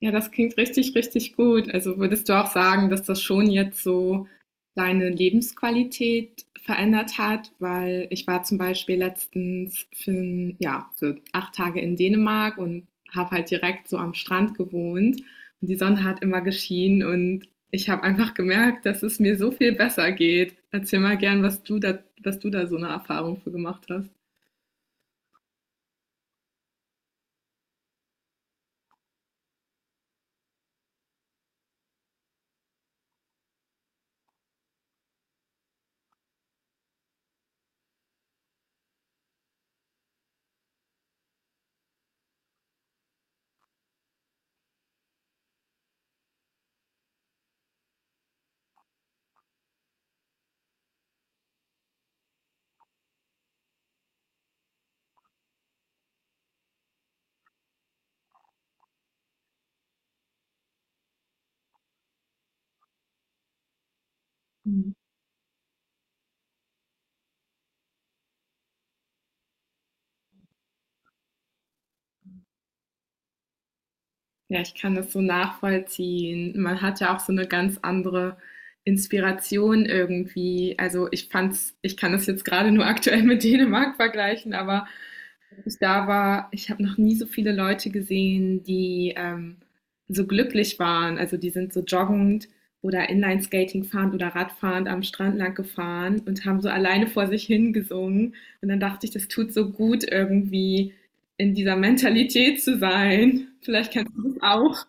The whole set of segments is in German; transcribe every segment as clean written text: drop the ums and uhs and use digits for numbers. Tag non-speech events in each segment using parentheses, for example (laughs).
Ja, das klingt richtig, richtig gut. Also würdest du auch sagen, dass das schon jetzt so deine Lebensqualität verändert hat? Weil ich war zum Beispiel letztens ja, für 8 Tage in Dänemark und habe halt direkt so am Strand gewohnt und die Sonne hat immer geschienen und ich habe einfach gemerkt, dass es mir so viel besser geht. Erzähl mal gern, was du da so eine Erfahrung für gemacht hast. Ja, ich kann das so nachvollziehen. Man hat ja auch so eine ganz andere Inspiration irgendwie. Also, ich kann das jetzt gerade nur (laughs) aktuell mit Dänemark vergleichen, aber als ich da war, ich habe noch nie so viele Leute gesehen, so glücklich waren. Also, die sind so joggend oder Inline-Skating fahrend oder radfahrend am Strand lang gefahren und haben so alleine vor sich hin gesungen. Und dann dachte ich, das tut so gut, irgendwie in dieser Mentalität zu sein. Vielleicht kennst du das auch.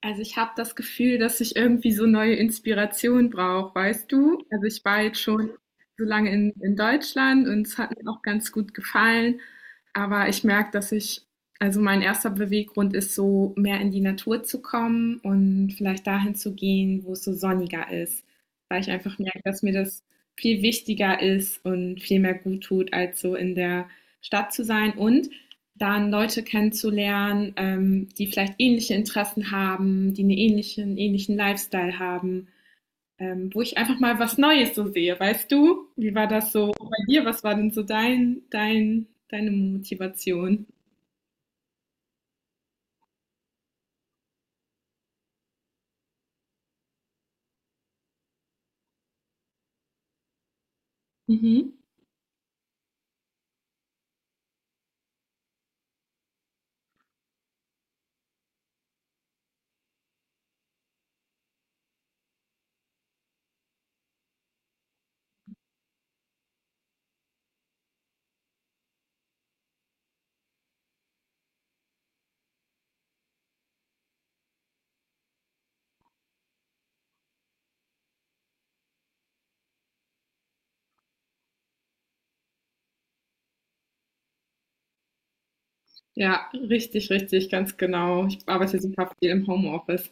Also ich habe das Gefühl, dass ich irgendwie so neue Inspiration brauche, weißt du? Also ich war jetzt schon so lange in Deutschland und es hat mir auch ganz gut gefallen, aber ich merke, also mein erster Beweggrund ist so, mehr in die Natur zu kommen und vielleicht dahin zu gehen, wo es so sonniger ist, weil ich einfach merke, dass mir das viel wichtiger ist und viel mehr gut tut, als so in der Stadt zu sein. Und dann Leute kennenzulernen, die vielleicht ähnliche Interessen haben, die einen ähnlichen Lifestyle haben, wo ich einfach mal was Neues so sehe, weißt du? Wie war das so bei dir? Was war denn so deine Motivation? Mhm. Ja, richtig, richtig, ganz genau. Ich arbeite super viel im Homeoffice.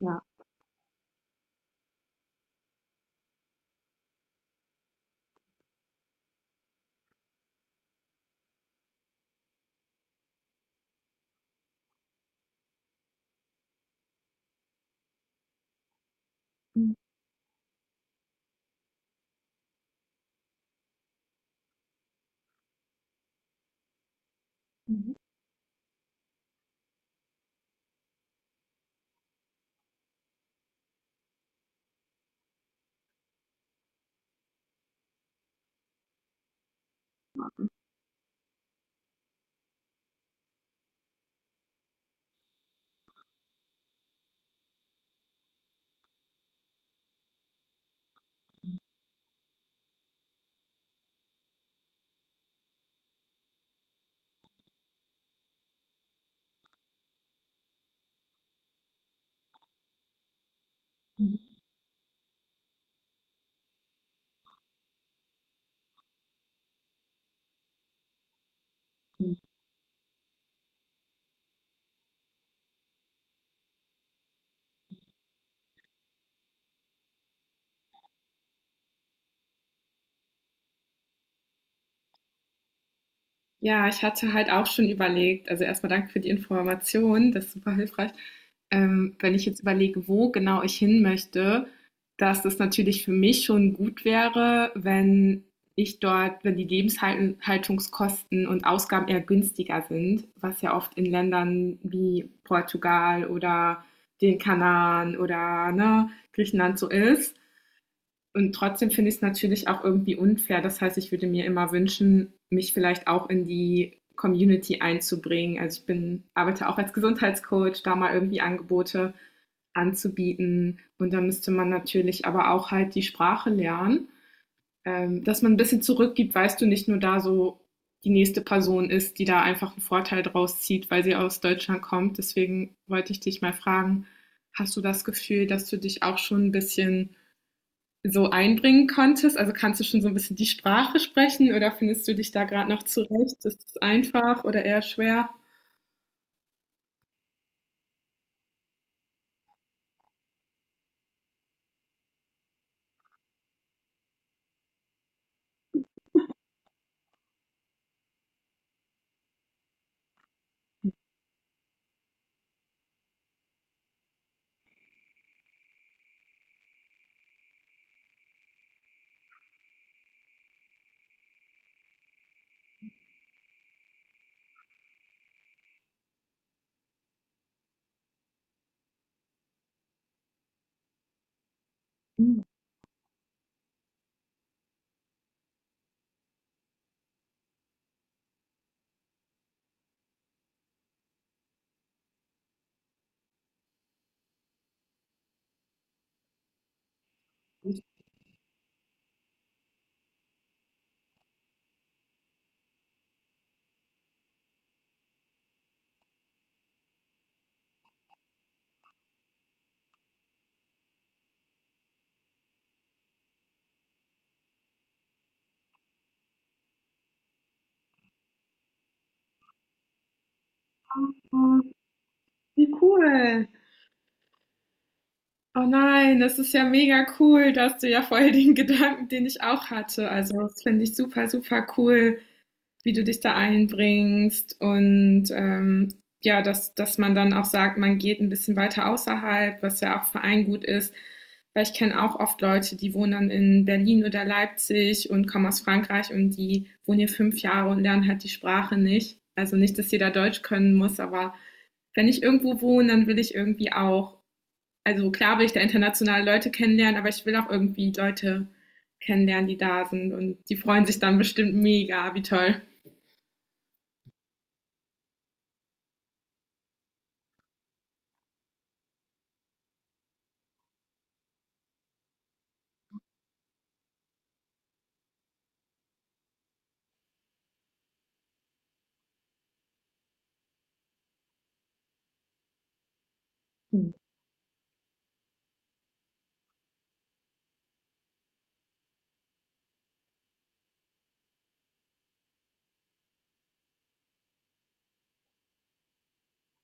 Ja. Mhm. Ja, ich hatte halt auch schon überlegt, also erstmal danke für die Information, das ist super hilfreich. Wenn ich jetzt überlege, wo genau ich hin möchte, dass das natürlich für mich schon gut wäre, wenn wenn die Lebenshaltungskosten und Ausgaben eher günstiger sind, was ja oft in Ländern wie Portugal oder den Kanaren oder ne, Griechenland so ist. Und trotzdem finde ich es natürlich auch irgendwie unfair. Das heißt, ich würde mir immer wünschen, mich vielleicht auch in die Community einzubringen. Also arbeite auch als Gesundheitscoach, da mal irgendwie Angebote anzubieten. Und da müsste man natürlich aber auch halt die Sprache lernen, dass man ein bisschen zurückgibt, weißt du, nicht nur da so die nächste Person ist, die da einfach einen Vorteil draus zieht, weil sie aus Deutschland kommt. Deswegen wollte ich dich mal fragen, hast du das Gefühl, dass du dich auch schon ein bisschen so einbringen konntest? Also kannst du schon so ein bisschen die Sprache sprechen oder findest du dich da gerade noch zurecht? Ist es einfach oder eher schwer? Oh, wie cool. Oh nein, das ist ja mega cool. Da hast du ja voll den Gedanken, den ich auch hatte. Also das finde ich super, super cool. Wie du dich da einbringst und ja, dass man dann auch sagt, man geht ein bisschen weiter außerhalb, was ja auch für einen gut ist. Weil ich kenne auch oft Leute, die wohnen dann in Berlin oder Leipzig und kommen aus Frankreich und die wohnen hier 5 Jahre und lernen halt die Sprache nicht. Also nicht, dass jeder Deutsch können muss, aber wenn ich irgendwo wohne, dann will ich irgendwie auch, also klar will ich da internationale Leute kennenlernen, aber ich will auch irgendwie Leute kennenlernen, die da sind und die freuen sich dann bestimmt mega, wie toll.